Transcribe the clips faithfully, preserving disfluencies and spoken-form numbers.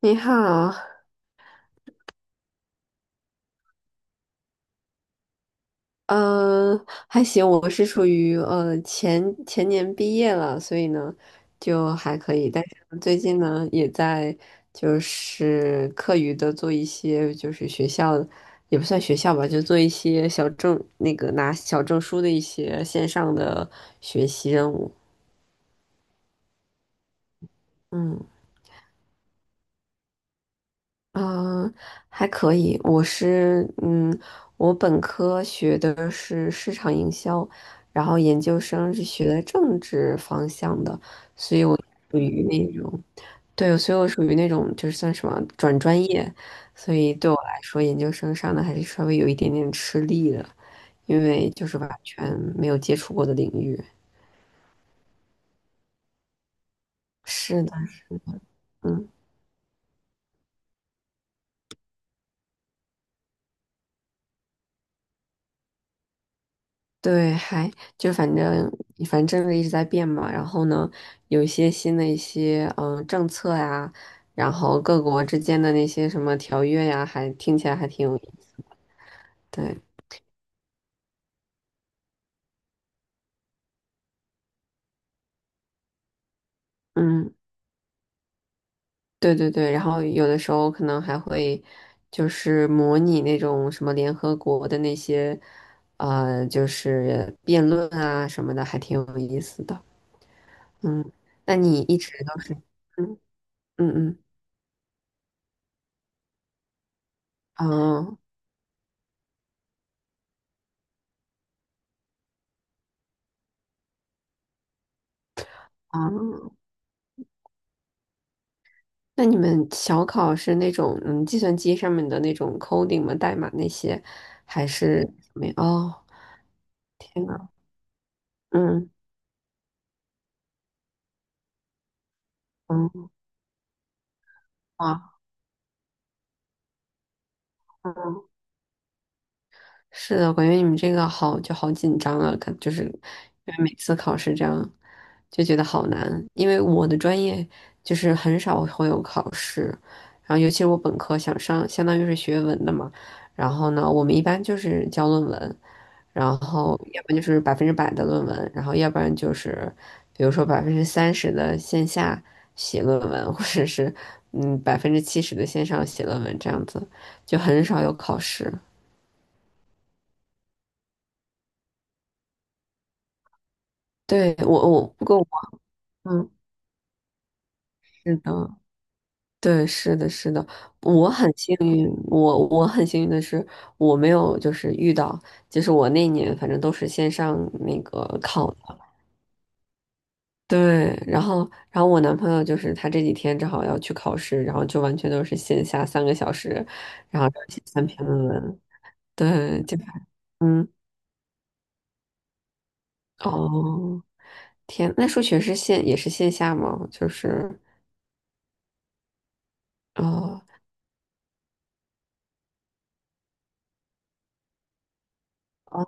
你好，嗯，还行，我是属于呃前前年毕业了，所以呢就还可以，但是最近呢也在就是课余的做一些就是学校也不算学校吧，就做一些小证那个拿小证书的一些线上的学习任务，嗯。嗯，呃还可以。我是嗯，我本科学的是市场营销，然后研究生是学的政治方向的，所以我属于那种，对，所以我属于那种就是算什么转专业，所以对我来说，研究生上的还是稍微有一点点吃力的，因为就是完全没有接触过的领域。是的，嗯。对，还就反正反正政策一直在变嘛，然后呢，有一些新的一些嗯、呃政策呀，然后各国之间的那些什么条约呀，还听起来还挺有意思。对，嗯，对对对，然后有的时候可能还会就是模拟那种什么联合国的那些呃，就是辩论啊什么的，还挺有意思的。嗯，那你一直都是。嗯嗯嗯，哦哦。那你们小考是那种嗯，计算机上面的那种 coding 吗？代码那些，还是？没？哦，天呐，嗯嗯，嗯。是的，我感觉你们这个好就好紧张啊，感就是因为每次考试这样就觉得好难。因为我的专业就是很少会有考试，然后尤其是我本科想上，相当于是学文的嘛，然后呢，我们一般就是交论文，然后要不然就是百分之百的论文，然后要不然就是比如说百分之三十的线下写论文，或者是嗯百分之七十的线上写论文这样子，就很少有考试。对，我我不过我嗯，是的，对，是的，是的，我很幸运，我我很幸运的是，我没有就是遇到，就是我那年反正都是线上那个考的，对，然后然后我男朋友就是他这几天正好要去考试，然后就完全都是线下三个小时，然后写三篇论文，对，就嗯，哦，天，那数学是线也是线下吗？就是哦哦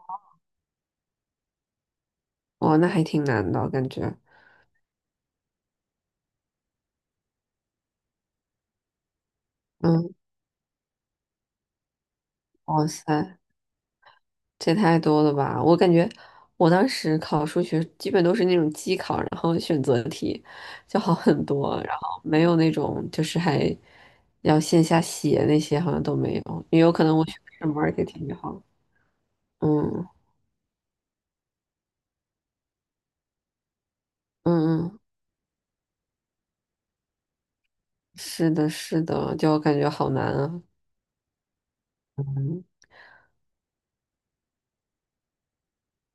哦，那还挺难的感觉。嗯。哇塞，这太多了吧！我感觉我当时考数学基本都是那种机考，然后选择题就好很多，然后没有那种就是还要线下写那些，好像都没有，也有可能我学的是 m a r k 就好了。嗯嗯嗯，是的，是的，就感觉好难啊。嗯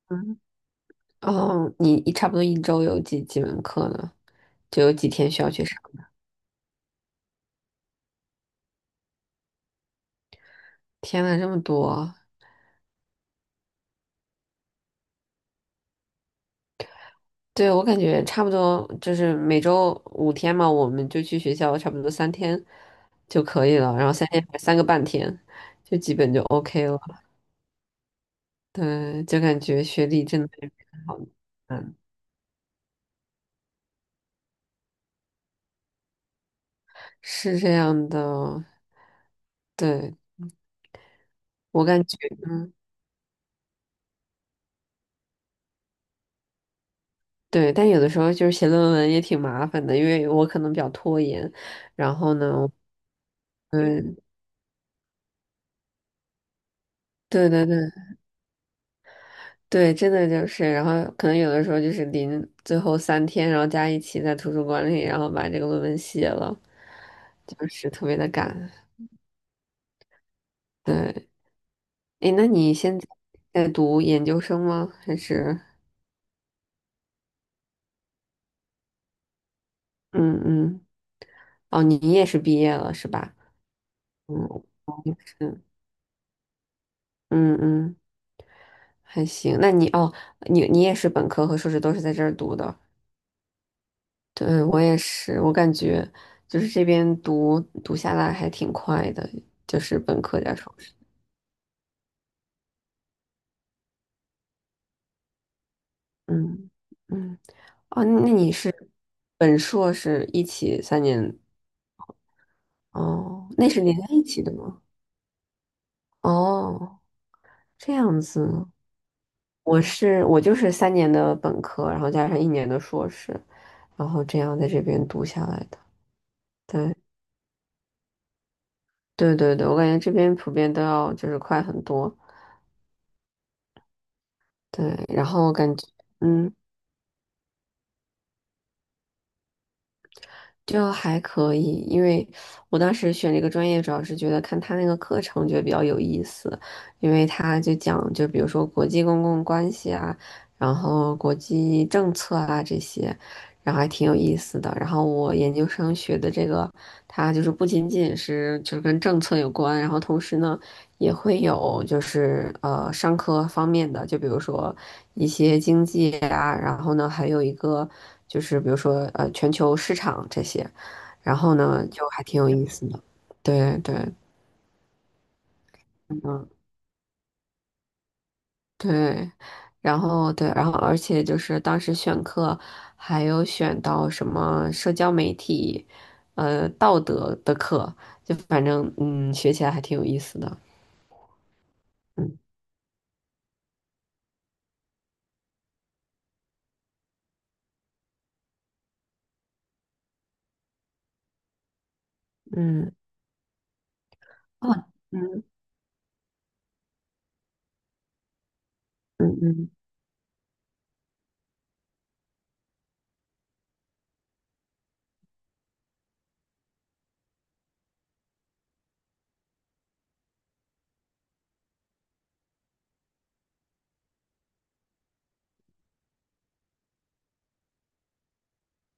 嗯，哦，你一差不多一周有几几门课呢？就有几天需要去上呢？天呐，这么多！对，我感觉差不多，就是每周五天嘛，我们就去学校，差不多三天就可以了，然后三天三个半天，就基本就 OK 了。对，就感觉学历真的是很好，嗯，是这样的。对，我感觉，嗯，对，但有的时候就是写论文也挺麻烦的，因为我可能比较拖延，然后呢，嗯，对对对。对，真的就是，然后可能有的时候就是临最后三天，然后加一起在图书馆里，然后把这个论文写了，就是特别的赶。对，诶，那你现在在读研究生吗？还是？嗯嗯，哦，你也是毕业了是吧？嗯，我也是，嗯嗯，还行。那你哦，你你也是本科和硕士都是在这儿读的？对，我也是，我感觉就是这边读读下来还挺快的，就是本科加硕。嗯嗯，哦，那你是本硕是一起三年，哦，那是连在一起的吗？哦，这样子，我是我就是三年的本科，然后加上一年的硕士，然后这样在这边读下来的。对对对对，我感觉这边普遍都要就是快很多。对，然后我感觉，嗯。就还可以，因为我当时选这个专业，主要是觉得看他那个课程觉得比较有意思，因为他就讲，就比如说国际公共关系啊，然后国际政策啊这些，然后还挺有意思的。然后我研究生学的这个，它就是不仅仅是就是跟政策有关，然后同时呢。也会有就是呃商科方面的，就比如说一些经济啊，然后呢还有一个就是比如说呃全球市场这些，然后呢就还挺有意思的。对对，嗯，对，然后对，然后而且就是当时选课还有选到什么社交媒体，呃道德的课，就反正嗯学起来还挺有意思的。嗯嗯，哦，嗯嗯嗯。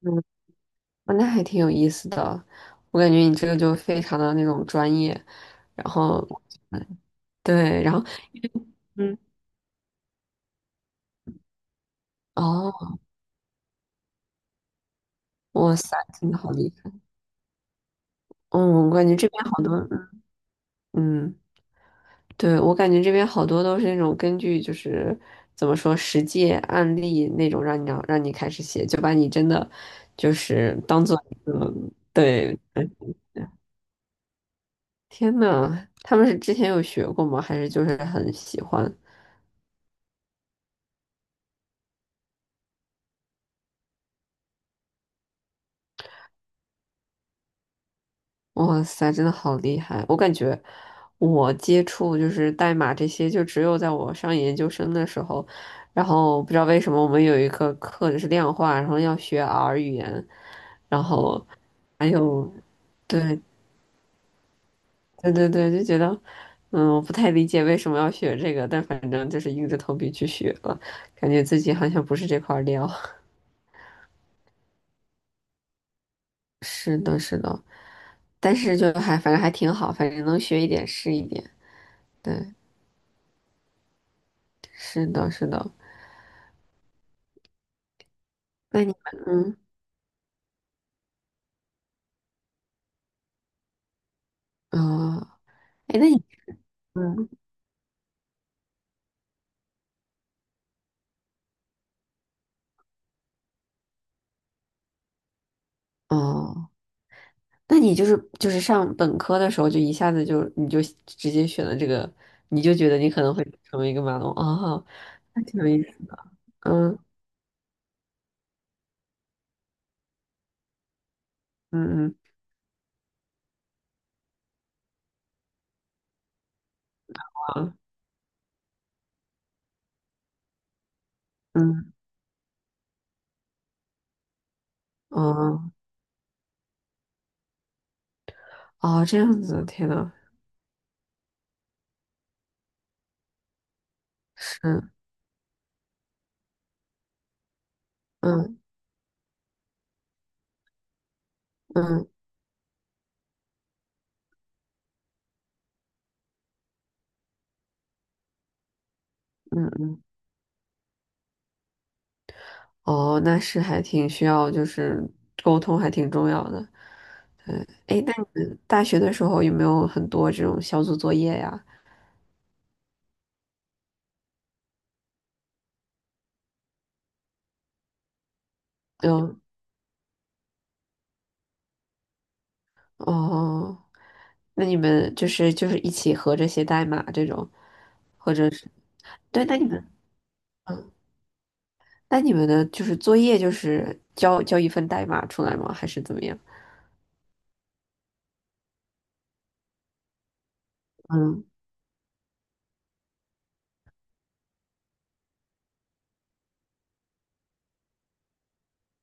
嗯，哦，那还挺有意思的，我感觉你这个就非常的那种专业，然后，嗯，对，然后，嗯，哦，哇塞，真的好厉害，嗯，我感觉这边好多，嗯，对，我感觉这边好多都是那种根据就是怎么说实际案例那种让你让让你开始写，就把你真的就是当做一个，对，嗯，天呐，他们是之前有学过吗？还是就是很喜欢？哇塞，真的好厉害！我感觉我接触就是代码这些，就只有在我上研究生的时候，然后不知道为什么我们有一个课就是量化，然后要学 R 语言，然后对对对对，就觉得嗯，我不太理解为什么要学这个，但反正就是硬着头皮去学了，感觉自己好像不是这块料。是的，是的，但是就还反正还挺好，反正能学一点是一点。对，是的，是的。那你们嗯。啊，哎，那你嗯哦，那你就是就是上本科的时候就一下子就你就直接选了这个，你就觉得你可能会成为一个马龙啊，那挺有意思的。嗯嗯嗯嗯，哦哦，这样子，天呐，是，嗯嗯嗯嗯，哦，那是还挺需要就是沟通还挺重要的。哎，那你们大学的时候有没有很多这种小组作业呀？有。哦。那你们就是就是一起合着写代码这种，或者是，对，那你们嗯，那你们的就是作业就是交交一份代码出来吗？还是怎么样？嗯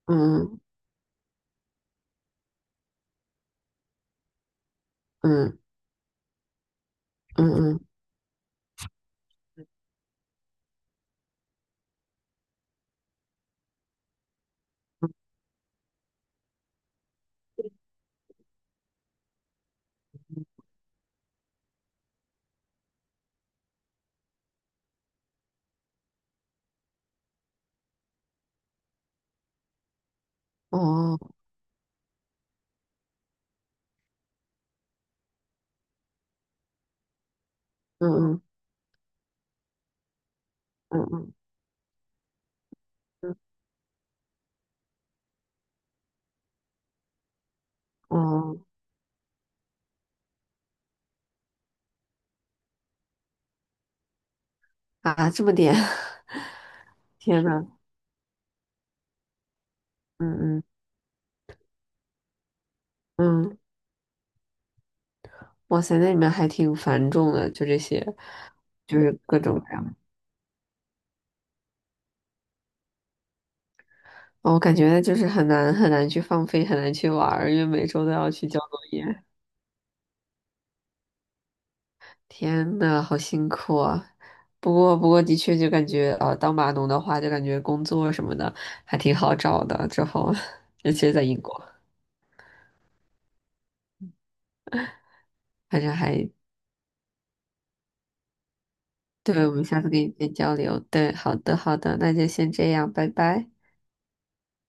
嗯嗯嗯嗯，哦，嗯嗯嗯嗯，哦，啊，这么点，天呐，嗯嗯嗯，哇塞，那你们还挺繁重的，就这些，就是各种各样的。哦，我感觉就是很难很难去放飞，很难去玩儿，因为每周都要去交作业。天呐，好辛苦啊！不过，不过的确就感觉，呃，当码农的话，就感觉工作什么的还挺好找的。之后，尤其是在英国，反正还，对，我们下次可以再交流。对，好的，好的，那就先这样，拜拜。